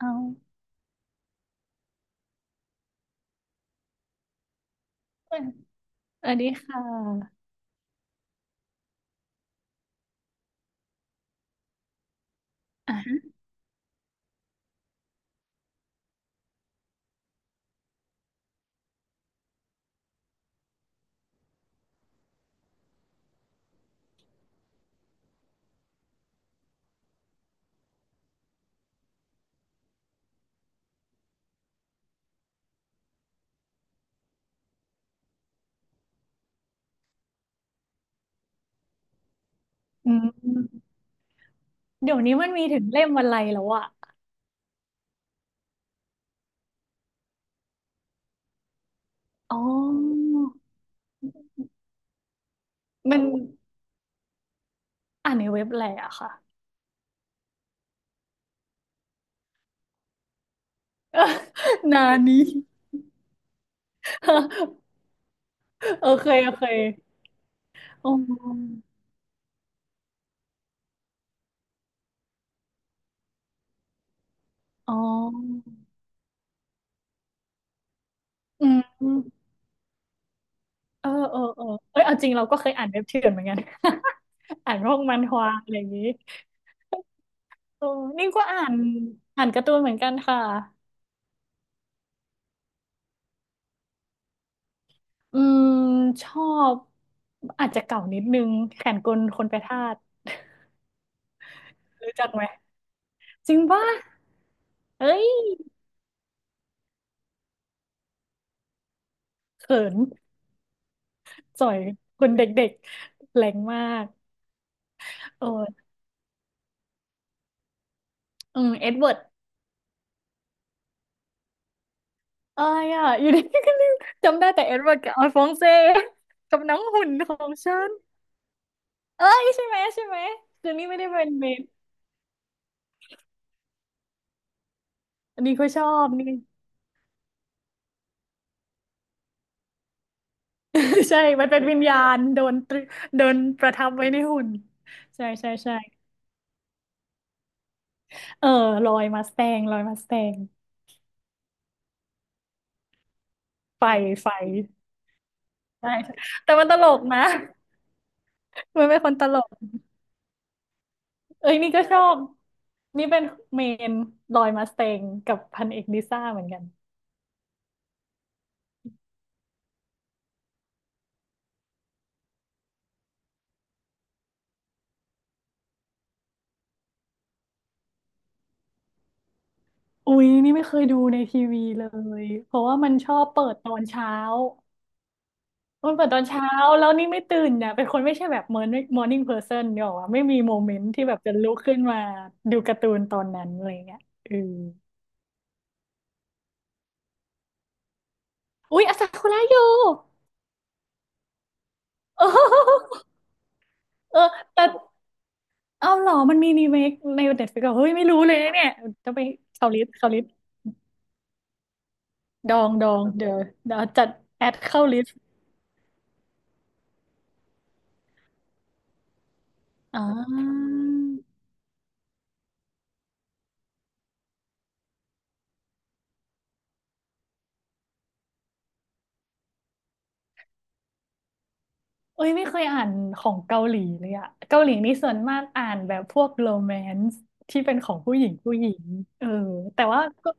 เอาสวัสดีค่ะอ่ะอืมเดี๋ยวนี้มันมีถึงเล่มอะไรแล้วอะอ๋อมันอ่านในเว็บอะไรอะค่ะ นานี้ โอเคโอเคอ๋ออ๋ออืมเออเออเออเอ้ยเอาจริงเราก็เคยอ่านเว็บเถื่อนเหมือนกัน อ่านพวกมันฮวาอะไรอย่างนี้โอ้นี่ก็อ่านอ่านการ์ตูนเหมือนกันค่ะ อืมชอบอาจจะเก่านิดนึงแขนกลคนไปทาสรู้จักไหมจริงป่ะเอ้ยเขินจ่อยคนเด็กๆแรงมากโอ้ยอืมเอ็ดเวิร์ดเอ้ยอ่ะอยู่ดีก็ลืมจำได้แต่เอ็ดเวิร์ดกับอัลฟองเซกับน้องหุ่นของฉันเอ้ยใช่ไหมใช่ไหมคือนี่ไม่ได้เป็นเมนอันนี้ก็ชอบนี่ ใช่มันเป็นวิญญาณโดนตรึโดนประทับไว้ในหุ่นใช่ใช่ใช่เออลอยมาสแตงลอยมาสแตง ไฟไฟใช่ใช่แต่มันตลกนะ มันเป็นคนตลกเอ้ยนี่ก็ชอบ นี่เป็นเมนลอยมาสเตงกับพันเอกดิซ่าเหมือนกัน อุ้ยนี่ไม่เคยดูในทีวีเลย เพราะว่ามันชอบเปิดตอนเช้า มันเปิดตอนเช้าแล้วนี่ไม่ตื่นเนี่ยเป็นคนไม่ใช่แบบมอร์นิ่งมอร์นิ่งเพอร์เซนเนี่ยหรอกวะไม่มีโมเมนต์ที่แบบจะลุกขึ้นมาดูการ์ตูนตอนนั้นอะไรเงี้ยเอออุ้ยอาซาคุระอยู่เออ เออแต่ เอ้าเหรอมันมีรีเมคในเน็ตฟลิกซ์เฮ้ยไม่รู้เลยนะเนี่ยต้องไปเข้าลิสต์เข้าลิสต์ดองดองเดี๋ยวเดี๋ยวจัดแอดเข้าลิสต์อ่าเอ้ยไม่เคยอ่านของเกาหลีเลยอะเกาหลีนี่ส่วนมากอ่านแบบพวกโรแมนซ์ที่เป็นของผู้หญิงผู้หญิงเออแต่ว่าก็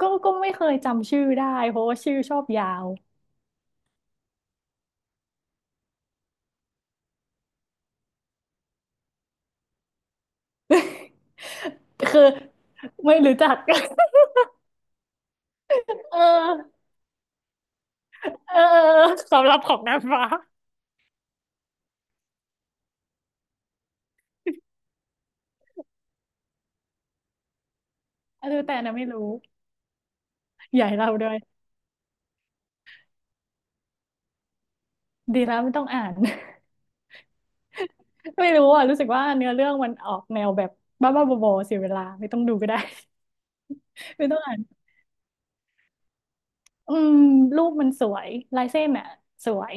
ก็ไม่เคยจำชื่อได้เพราะว่าชื่อชอบยาวคือไม่รู้จัก เออเออเออสำหรับของนางฟ้าเออแต่นะไม่รู้ใหญ่เราด้วยดีแล้วไม่ต้องอ่าน ไม่รู้อ่ะรู้สึกว่าเนื้อเรื่องมันออกแนวแบบบ้าบ้าบอๆเสียเวลาไม่ต้องดูก็ได้ ไม่ต้องอ่านอืมรูปมันสวยลายเส้นอ่ะสวย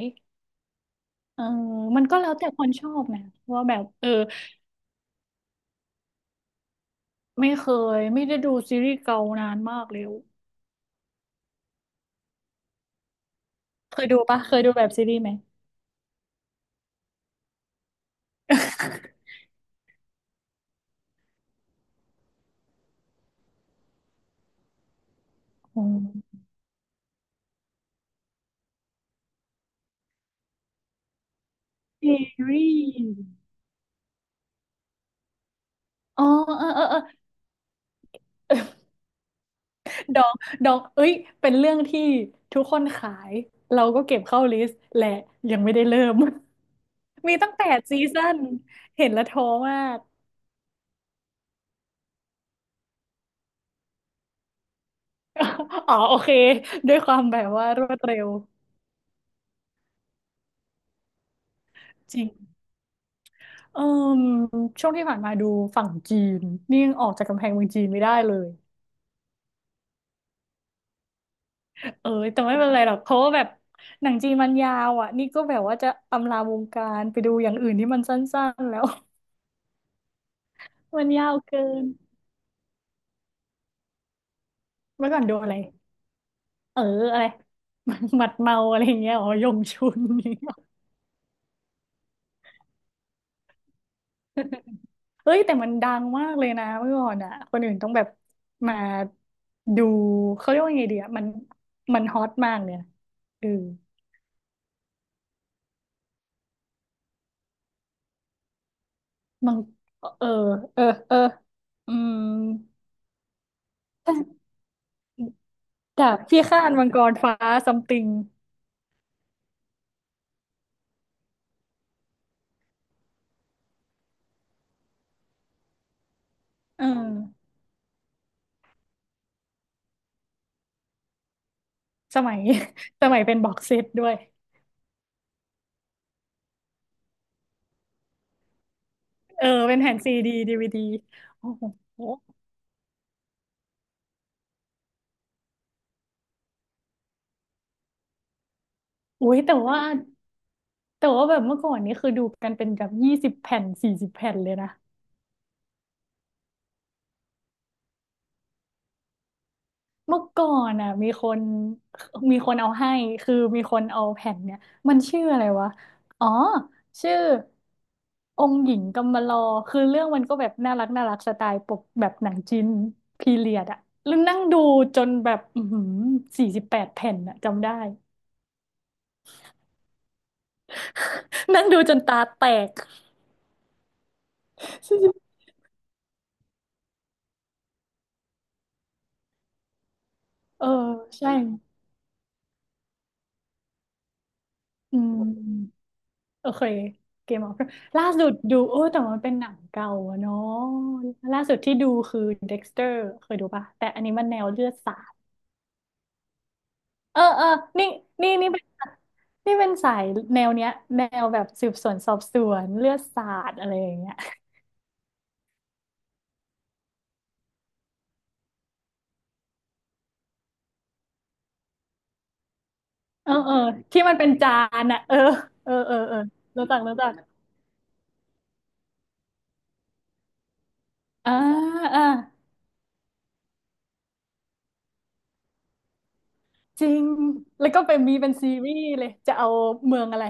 เออมันก็แล้วแต่คนชอบนะว่าแบบเออไม่เคยไม่ได้ดูซีรีส์เกานานมากแล้วเคยดูปะเคยดูแบบซีรีส์ไหม อืมซีรีส์อ๋อเออเออเออดอกดองเอ้ยเป็นเรื่องที่ทุกคนขายเราก็เก็บเข้าลิสต์และยังไม่ได้เริ่ม มีตั้ง8 ซีซั่นเห็นแล้วท้อมาก อ๋อโอเคด้วยความแบบว่ารวดเร็วจริงเอมช่วงที่ผ่านมาดูฝั่งจีนนี่ยังออกจากกำแพงเมืองจีนไม่ได้เลย เออแต่ไม่เป็นไรหรอกเพราะว่าแบบหนังจีนมันยาวอ่ะนี่ก็แบบว่าจะอำลาวงการไปดูอย่างอื่นที่มันสั้นๆแล้ว มันยาวเกินเมื่อก่อนดูอะไรเอออะไร หมัดเมาอะไรอย่างเงี้ยอ๋อยงชุน นี่ เฮ้ยแต่มันดังมากเลยนะเมื่อก่อนอ่ะคนอื่นต้องแบบมาดูเขาเรียกว่าไงดีอ่ะมันฮอตมากเลยนะเออมังเออเออเอออืมดาบพิฆาตมังกรฟ้าซัมติงเออสมัย สมัยเป็นบ็อกเซตด้วยเออเป็นแผ่นซีดีดีวีดีโอ้โหอุ้ยแต่ว่าแบบเมื่อก่อนนี้คือดูกันเป็นแบบ20 แผ่น 40 แผ่นเลยนะ เมื่อก่อนอ่ะมีคนเอาให้คือมีคนเอาแผ่นเนี่ยมันชื่ออะไรวะอ๋อชื่อองค์หญิงกำมะลอคือเรื่องมันก็แบบน่ารักน่ารักสไตล์ปกแบบหนังจีนพีเรียดอ่ะแล้วนั่งดูจนแบบอือหือ48 แผ่นอ่ะจำได้ นั่งดูจนตาแตก เออใช่อืม โอเคเกมออฟล่าสุดดูโอ้แต่มันเป็นหนังเก่าอะเนาะล่าสุดที่ดูคือเด็กสเตอร์เคยดูปะแต่อันนี้มันแนวเลือดสาดเออเออนี่นี่เป็นนี่เป็นสายแนวเนี้ยแนวแบบสืบสวนสอบสวนเลือดสาดอะไรอย่างเงี้ยเออเออที่มันเป็นจานอะเออเออเออเออรู้จักรู้จักอ่าอ่าจริงแล้วก็เป็นมีเป็นซีรีส์เลยจะเอาเมืองอะไร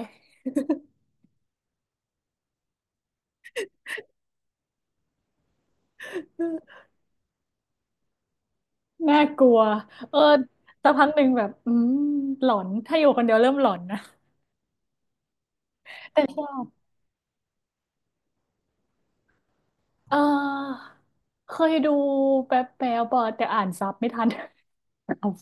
น่ากลัวเออสักพักหนึ่งแบบอืมหลอนถ้าอยู่คนเดียวเริ่มหลอนนะแต่ชอบเออเคยดูแป๊บแป๊บๆอะแต่อ่านซับไม่ทัน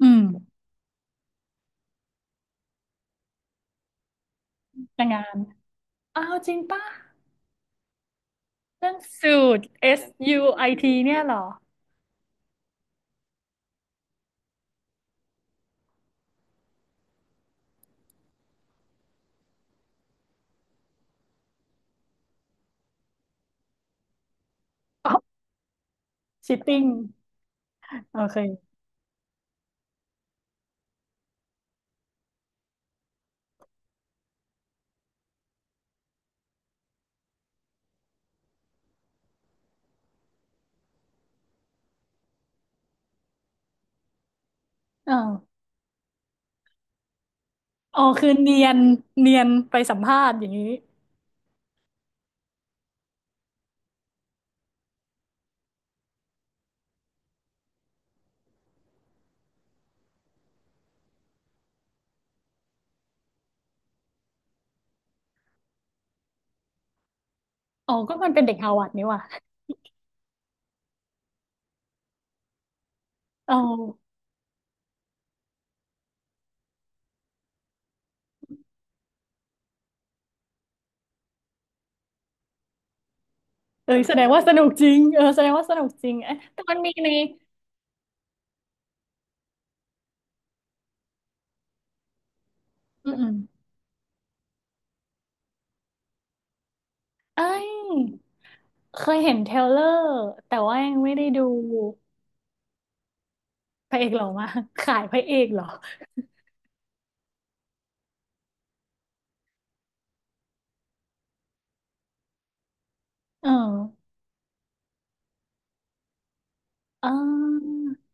อืมแต่งานอ้าวจริงป่ะเรื่องสูตร SUIT เนี่ยเหรออ๋อชิตติ้งโอเคอ๋ออ๋อคือเนียนเนียนไปสัมภาษณ์อย่างนี้อ๋อก็มันเป็นเด็กฮาวาดนี่ว่ะ อ๋อเออแสดงว่าสนุกจริงเออแสดงว่าสนุกจริงเอ๊ะแต่มันมีในอืม เอ้ยเคยเห็นเทรลเลอร์แต่ว่ายังไม่ได้ดูพระเอกหล่อมาก ขายพระเอกเหรอเออเออ